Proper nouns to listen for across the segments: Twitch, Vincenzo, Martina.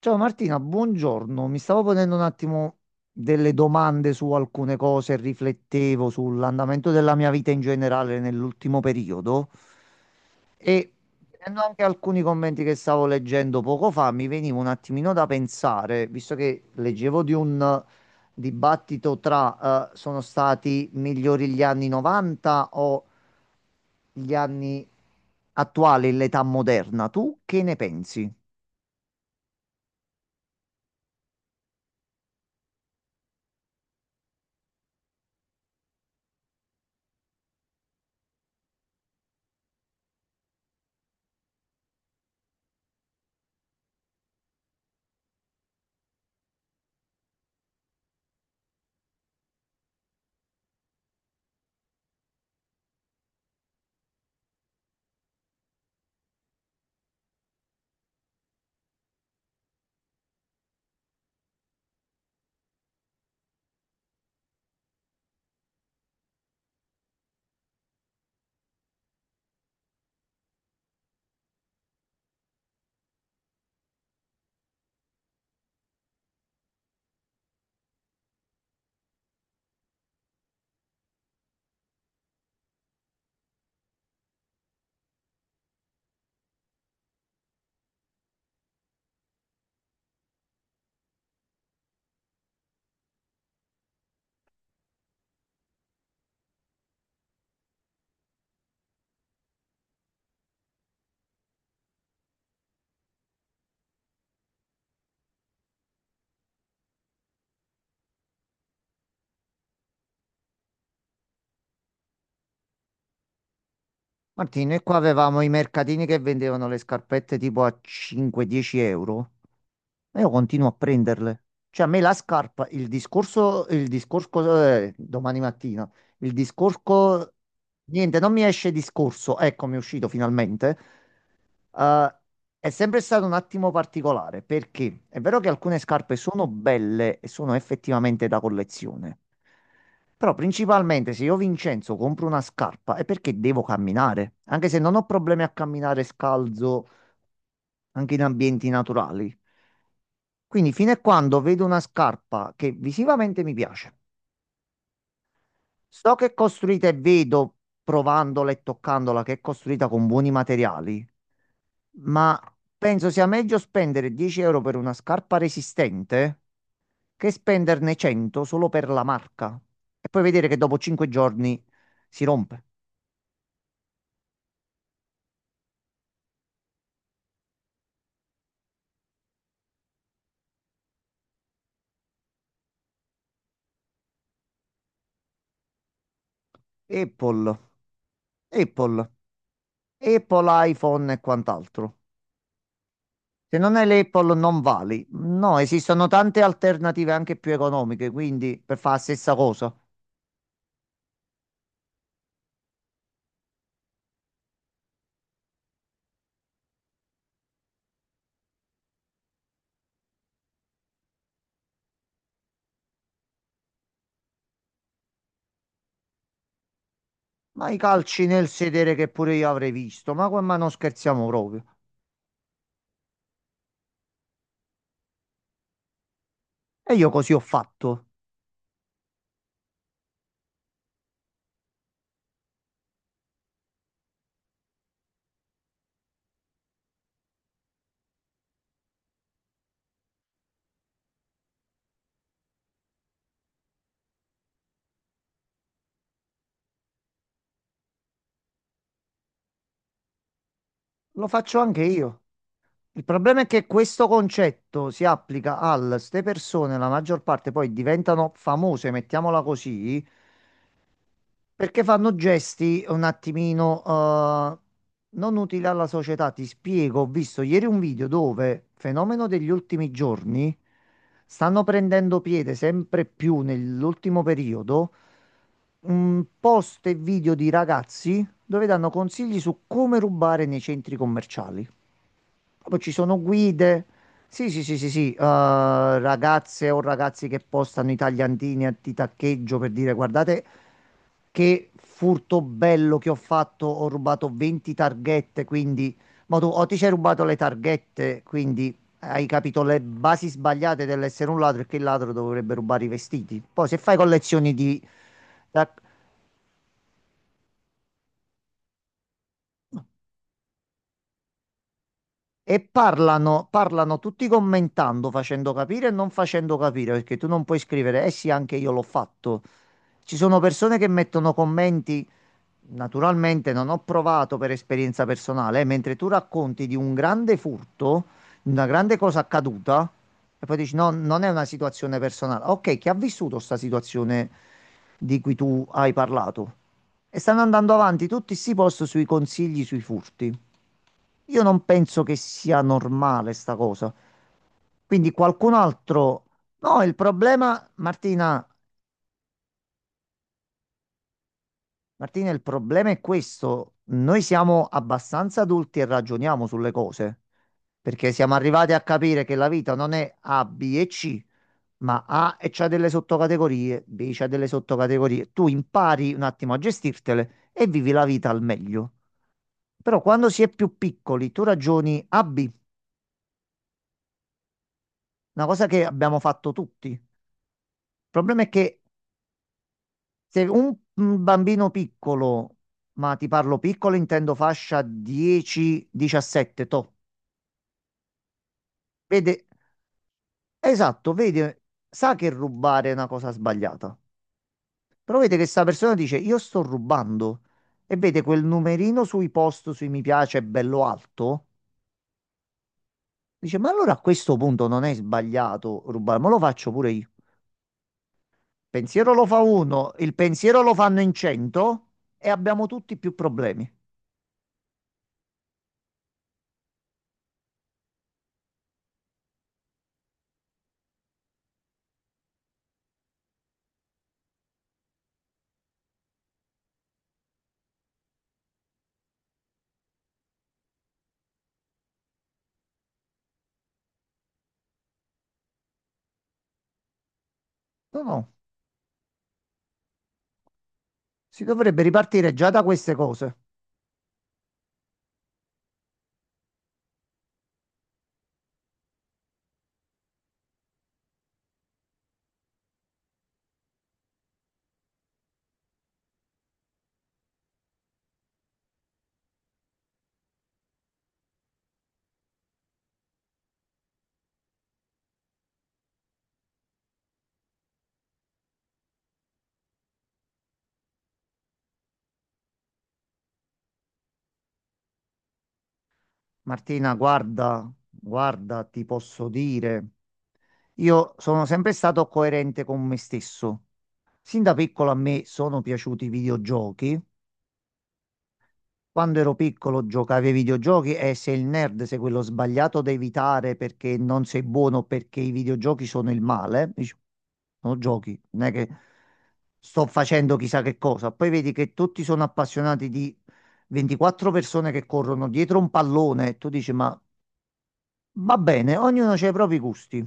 Ciao Martina, buongiorno. Mi stavo ponendo un attimo delle domande su alcune cose, riflettevo sull'andamento della mia vita in generale nell'ultimo periodo e vedendo anche alcuni commenti che stavo leggendo poco fa, mi veniva un attimino da pensare, visto che leggevo di un dibattito tra sono stati migliori gli anni 90 o gli anni attuali, l'età moderna. Tu che ne pensi? Martino, e qua avevamo i mercatini che vendevano le scarpette tipo a 5-10 euro e io continuo a prenderle. Cioè, a me la scarpa, domani mattina, il discorso, niente, non mi esce discorso, ecco, mi è uscito finalmente. Eh, è sempre stato un attimo particolare perché è vero che alcune scarpe sono belle e sono effettivamente da collezione, però principalmente se io Vincenzo compro una scarpa è perché devo camminare, anche se non ho problemi a camminare scalzo anche in ambienti naturali. Quindi fino a quando vedo una scarpa che visivamente mi piace, so che è costruita e vedo, provandola e toccandola, che è costruita con buoni materiali, ma penso sia meglio spendere 10 euro per una scarpa resistente che spenderne 100 solo per la marca e poi vedere che dopo 5 giorni si rompe. Apple, Apple, Apple iPhone e quant'altro. Se non hai l'Apple non vali. No, esistono tante alternative anche più economiche, quindi per fare la stessa cosa. Ma i calci nel sedere che pure io avrei visto, ma, ma non scherziamo proprio. E io così ho fatto, lo faccio anche io. Il problema è che questo concetto si applica al, ste persone, la maggior parte poi diventano famose, mettiamola così, perché fanno gesti un attimino non utili alla società. Ti spiego, ho visto ieri un video dove, fenomeno degli ultimi giorni, stanno prendendo piede sempre più nell'ultimo periodo, un post e video di ragazzi dove danno consigli su come rubare nei centri commerciali. Poi ci sono guide. Sì, sì, sì, sì, sì, ragazze o ragazzi che postano i tagliantini di taccheggio per dire guardate che furto bello che ho fatto, ho rubato 20 targhette, quindi ma tu o ti sei rubato le targhette, quindi hai capito le basi sbagliate dell'essere un ladro e che il ladro dovrebbe rubare i vestiti. Poi se fai collezioni di tac- e parlano, parlano tutti commentando, facendo capire e non facendo capire, perché tu non puoi scrivere, eh sì, anche io l'ho fatto. Ci sono persone che mettono commenti, naturalmente non ho provato per esperienza personale, mentre tu racconti di un grande furto, di una grande cosa accaduta, e poi dici no, non è una situazione personale. Ok, chi ha vissuto questa situazione di cui tu hai parlato? E stanno andando avanti tutti sti post sui consigli sui furti. Io non penso che sia normale sta cosa. Quindi qualcun altro... No, il problema, Martina, il problema è questo. Noi siamo abbastanza adulti e ragioniamo sulle cose, perché siamo arrivati a capire che la vita non è A, B e C, ma A e c'ha delle sottocategorie, B c'ha delle sottocategorie. Tu impari un attimo a gestirtele e vivi la vita al meglio. Però quando si è più piccoli, tu ragioni A, B, una cosa che abbiamo fatto tutti. Il problema è che se un bambino piccolo, ma ti parlo piccolo, intendo fascia 10-17, toh, vede, esatto, vede, sa che rubare è una cosa sbagliata, però vede che sta persona dice io sto rubando e vede quel numerino sui post, sui mi piace, bello alto, dice ma allora a questo punto non è sbagliato rubare, ma lo faccio pure io. Pensiero lo fa uno, il pensiero lo fanno in 100 e abbiamo tutti più problemi. No, no. Si dovrebbe ripartire già da queste cose. Martina, guarda, guarda, ti posso dire, io sono sempre stato coerente con me stesso. Sin da piccolo a me sono piaciuti i videogiochi, quando ero piccolo giocavi ai videogiochi e sei il nerd, sei quello sbagliato da evitare perché non sei buono, o perché i videogiochi sono il male. Dici, sono giochi, non è che sto facendo chissà che cosa. Poi vedi che tutti sono appassionati di 24 persone che corrono dietro un pallone e tu dici, ma va bene, ognuno ha i propri gusti.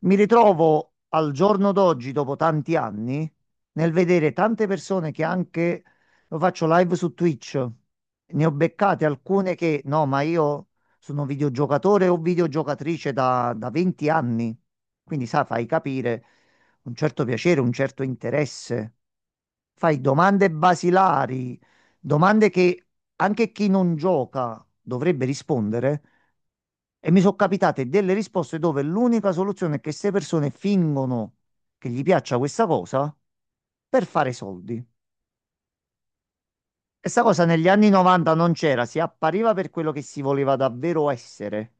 Mi ritrovo al giorno d'oggi, dopo tanti anni, nel vedere tante persone che anche lo faccio live su Twitch. Ne ho beccate alcune che no, ma io sono videogiocatore o videogiocatrice da 20 anni. Quindi, sa, fai capire un certo piacere, un certo interesse. Fai domande basilari, domande che anche chi non gioca dovrebbe rispondere. E mi sono capitate delle risposte dove l'unica soluzione è che queste persone fingono che gli piaccia questa cosa per fare soldi. E sta cosa negli anni 90 non c'era, si appariva per quello che si voleva davvero essere.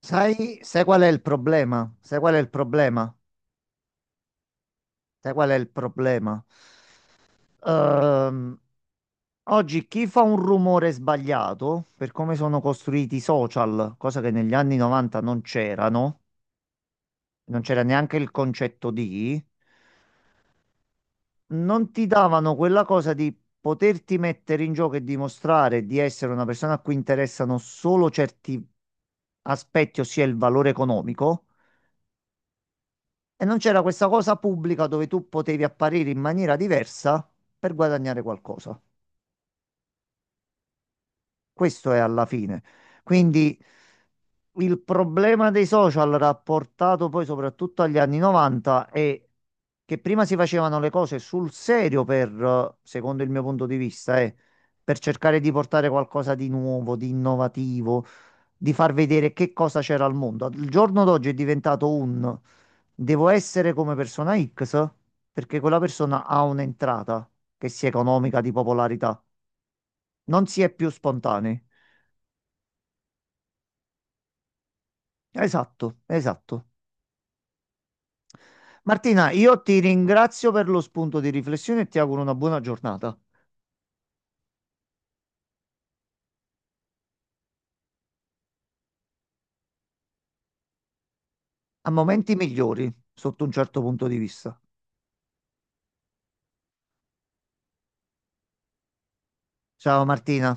Sai qual è il problema? Sai qual è il problema? Sai qual è il problema? Ehm, Oggi chi fa un rumore sbagliato, per come sono costruiti i social, cosa che negli anni 90 non c'erano, non c'era neanche il concetto di, non ti davano quella cosa di poterti mettere in gioco e dimostrare di essere una persona a cui interessano solo certi aspetti, ossia il valore economico, e non c'era questa cosa pubblica dove tu potevi apparire in maniera diversa per guadagnare qualcosa. Questo è alla fine. Quindi il problema dei social rapportato poi soprattutto agli anni 90 è che prima si facevano le cose sul serio per, secondo il mio punto di vista, per cercare di portare qualcosa di nuovo, di innovativo, di far vedere che cosa c'era al mondo. Il giorno d'oggi è diventato un devo essere come persona X perché quella persona ha un'entrata che sia economica, di popolarità. Non si è più spontanei. Esatto, esatto. Martina, io ti ringrazio per lo spunto di riflessione e ti auguro una buona giornata. A momenti migliori, sotto un certo punto di vista. Ciao Martina.